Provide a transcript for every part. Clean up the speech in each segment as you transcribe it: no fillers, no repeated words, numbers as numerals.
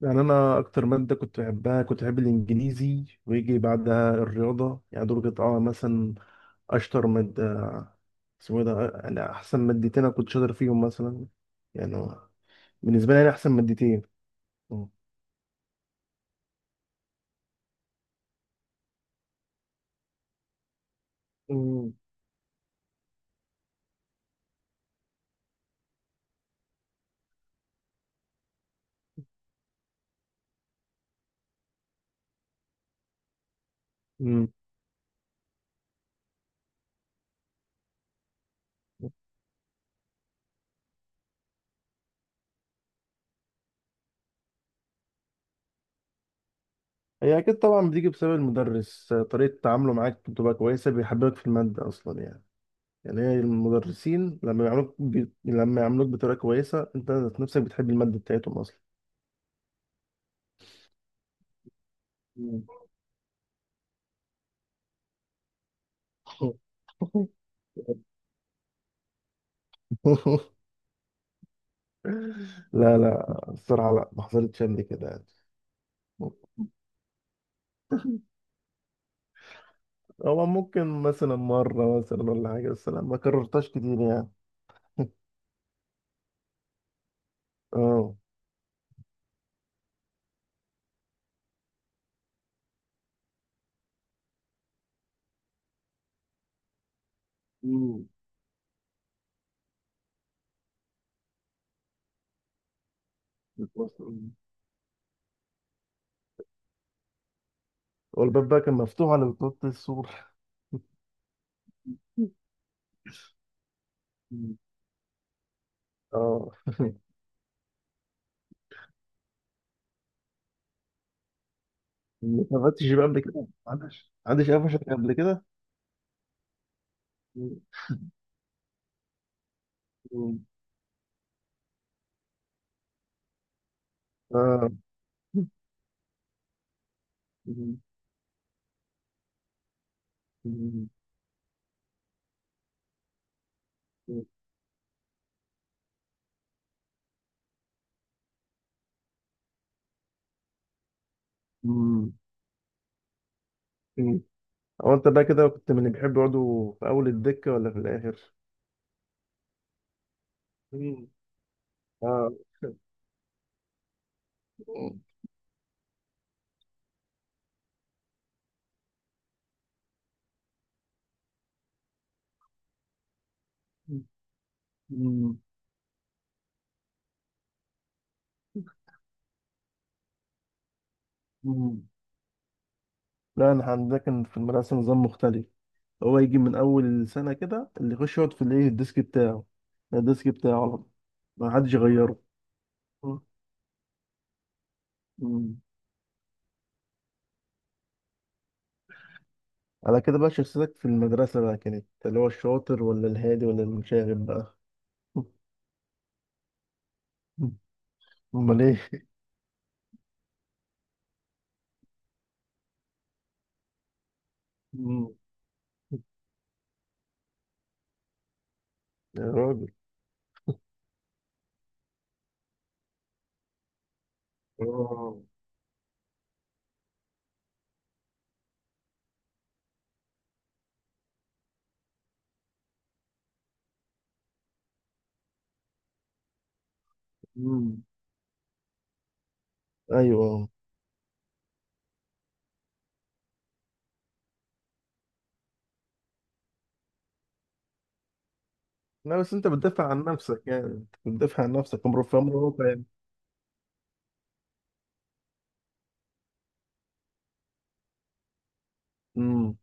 يعني انا اكتر ماده كنت بحبها كنت بحب الانجليزي، ويجي بعدها الرياضه. يعني دول كانت مثلا اشطر ماده. اسمه إيه ده، يعني احسن مادتين انا كنت شاطر فيهم مثلا. يعني بالنسبه لي، يعني احسن مادتين. مم. امم. هي اكيد طبعا بتيجي بسبب المدرس، طريقه تعامله معاك بتبقى كويسه، بيحببك في الماده اصلا يعني. يعني هي المدرسين لما يعاملوك لما يعاملوك بطريقه كويسه، انت ذات نفسك بتحب الماده بتاعتهم اصلا. مم. لا لا الصراحة لا، ما حصلتش قبل كده يعني. هو ممكن مثلا مرة مثلا ولا حاجة، بس لا، ما كررتهاش كتير يعني. اه. مم. مم. والباب بقى كان مفتوح على بطاقة السور. مم. اه ما اتقفلتش بقى قبل كده؟ ما عندش قفشك قبل كده؟ مم. اه مم. مم. مم. أمم. هو انت بقى كده كنت من اللي بيحب يقعدوا في اول الدكة ولا في الاخر؟ مم. آه. مم. مم. لا، انا عندنا كان في المدرسه نظام مختلف. هو يجي من اول السنه كده، اللي يخش يقعد في الايه الديسك بتاعه. الديسك بتاعه على طول، ما حدش يغيره. مم. مم. على كده بقى شخصيتك في المدرسه بقى كانت اللي هو الشاطر، ولا الهادي، ولا المشاغب بقى؟ مم. امال ايه. مم. يا راجل. آه. مم. ايوه. لا بس انت بتدافع عن نفسك، يعني انت بتدافع عن نفسك ومرفع مرفع يعني. امم.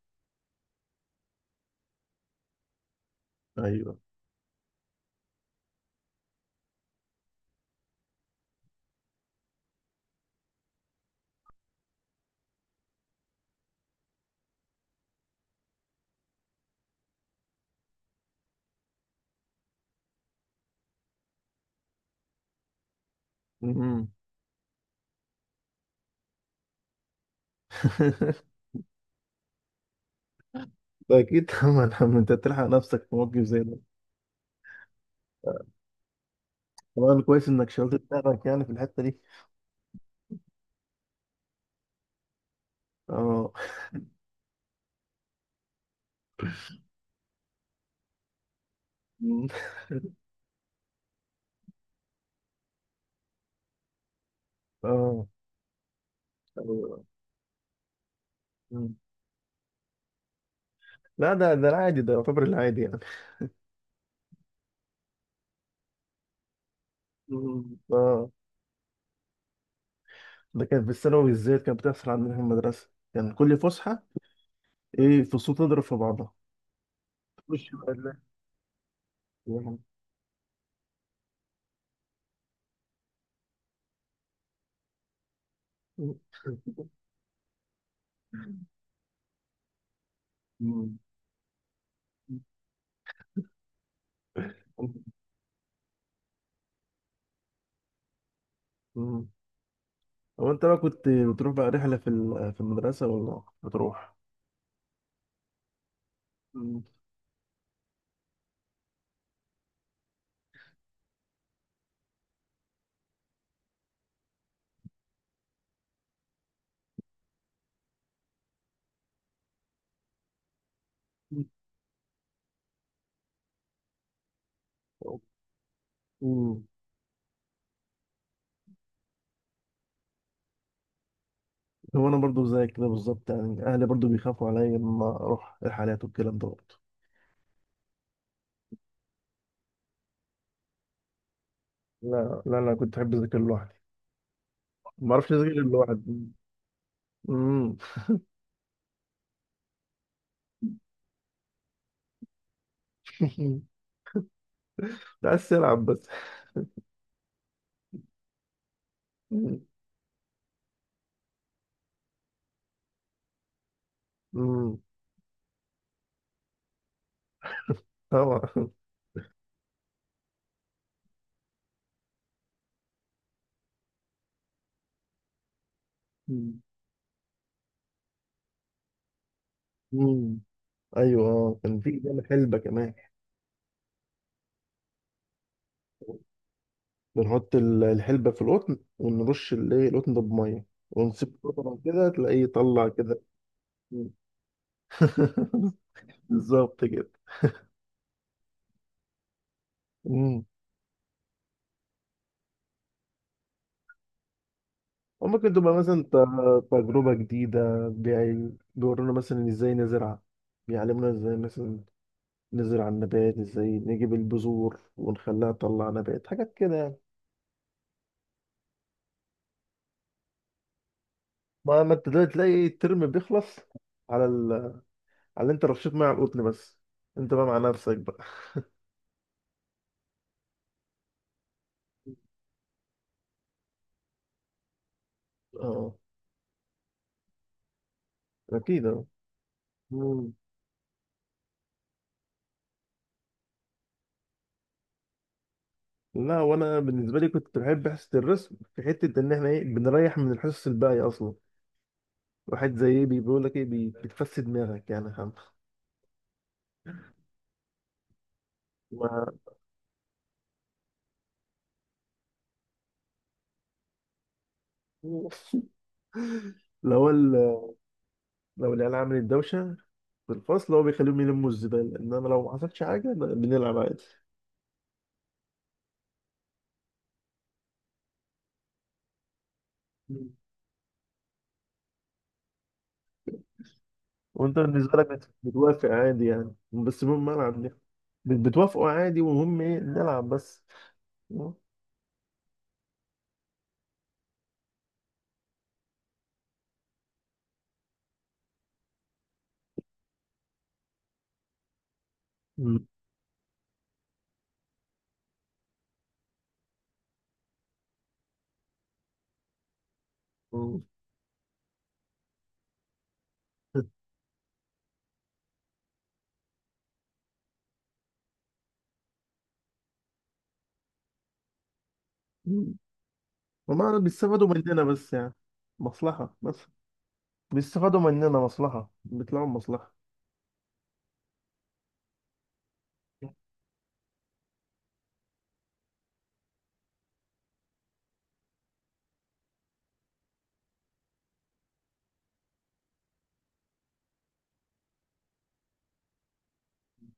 ايوه. امم. ده اكيد طبعا عم انت تلحق نفسك في موقف زي ده. طبعا كويس انك شغلت دماغك يعني في الحته دي. اه. مم. اه. أيوة. مم. لا ده العادي، ده يعتبر العادي يعني. مم. اه. ده كان في الثانوي بالذات كانت بتحصل عندنا في المدرسه، كان كل فسحه ايه، فصول تضرب في بعضها. مش. مم. مم. هو انت بقى كنت بتروح بقى رحله في في المدرسه ولا بتروح؟ مم. مم. هو انا برضو زيك كده بالظبط يعني، اهلي برضو بيخافوا عليا لما اروح رحلات والكلام ده برضو. لا لا، أنا كنت أحب أذاكر لوحدي. ما أعرفش أذاكر غير لوحدي. امم. بس ألعب بس. امم. طبعا. امم. ايوه اه، كان في جنب حلبه كمان. بنحط الحلبه في القطن، ونرش الايه القطن ده بميه، ونسيب قطن كده تلاقيه يطلع كده. مم. بالظبط كده. وممكن تبقى مثلا تجربة جديدة. بيورونا مثلا ازاي نزرع، بيعلمونا ازاي مثلا نزرع النبات، ازاي نجيب البذور ونخليها تطلع نبات، حاجات كده يعني. ما انت دلوقتي تلاقي الترم بيخلص على على اللي انت رشيت ميه على القطن بس. انت بقى مع نفسك بقى. اه اكيد اه. مم. لا وانا بالنسبه لي كنت بحب حصه الرسم في حته ان احنا ايه بنريح من الحصص الباقيه اصلا. واحد زي ايه بيقول لك ايه، بتفسد دماغك يعني يا عم. ما لو لو العيال عملت دوشة في الفصل، هو بيخليهم يلموا الزبالة، إنما لو ما حصلش حاجة لا، بنلعب عادي. مم. وأنت بالنسبة لك بتوافق عادي يعني، بس المهم ألعب ده. بتوافقوا عادي، ومهم إيه نلعب بس. مم. مم. مم. هما بيستفادوا مننا بس يعني، مصلحة بس. بيستفادوا مننا مصلحة، بيطلعوا مصلحة.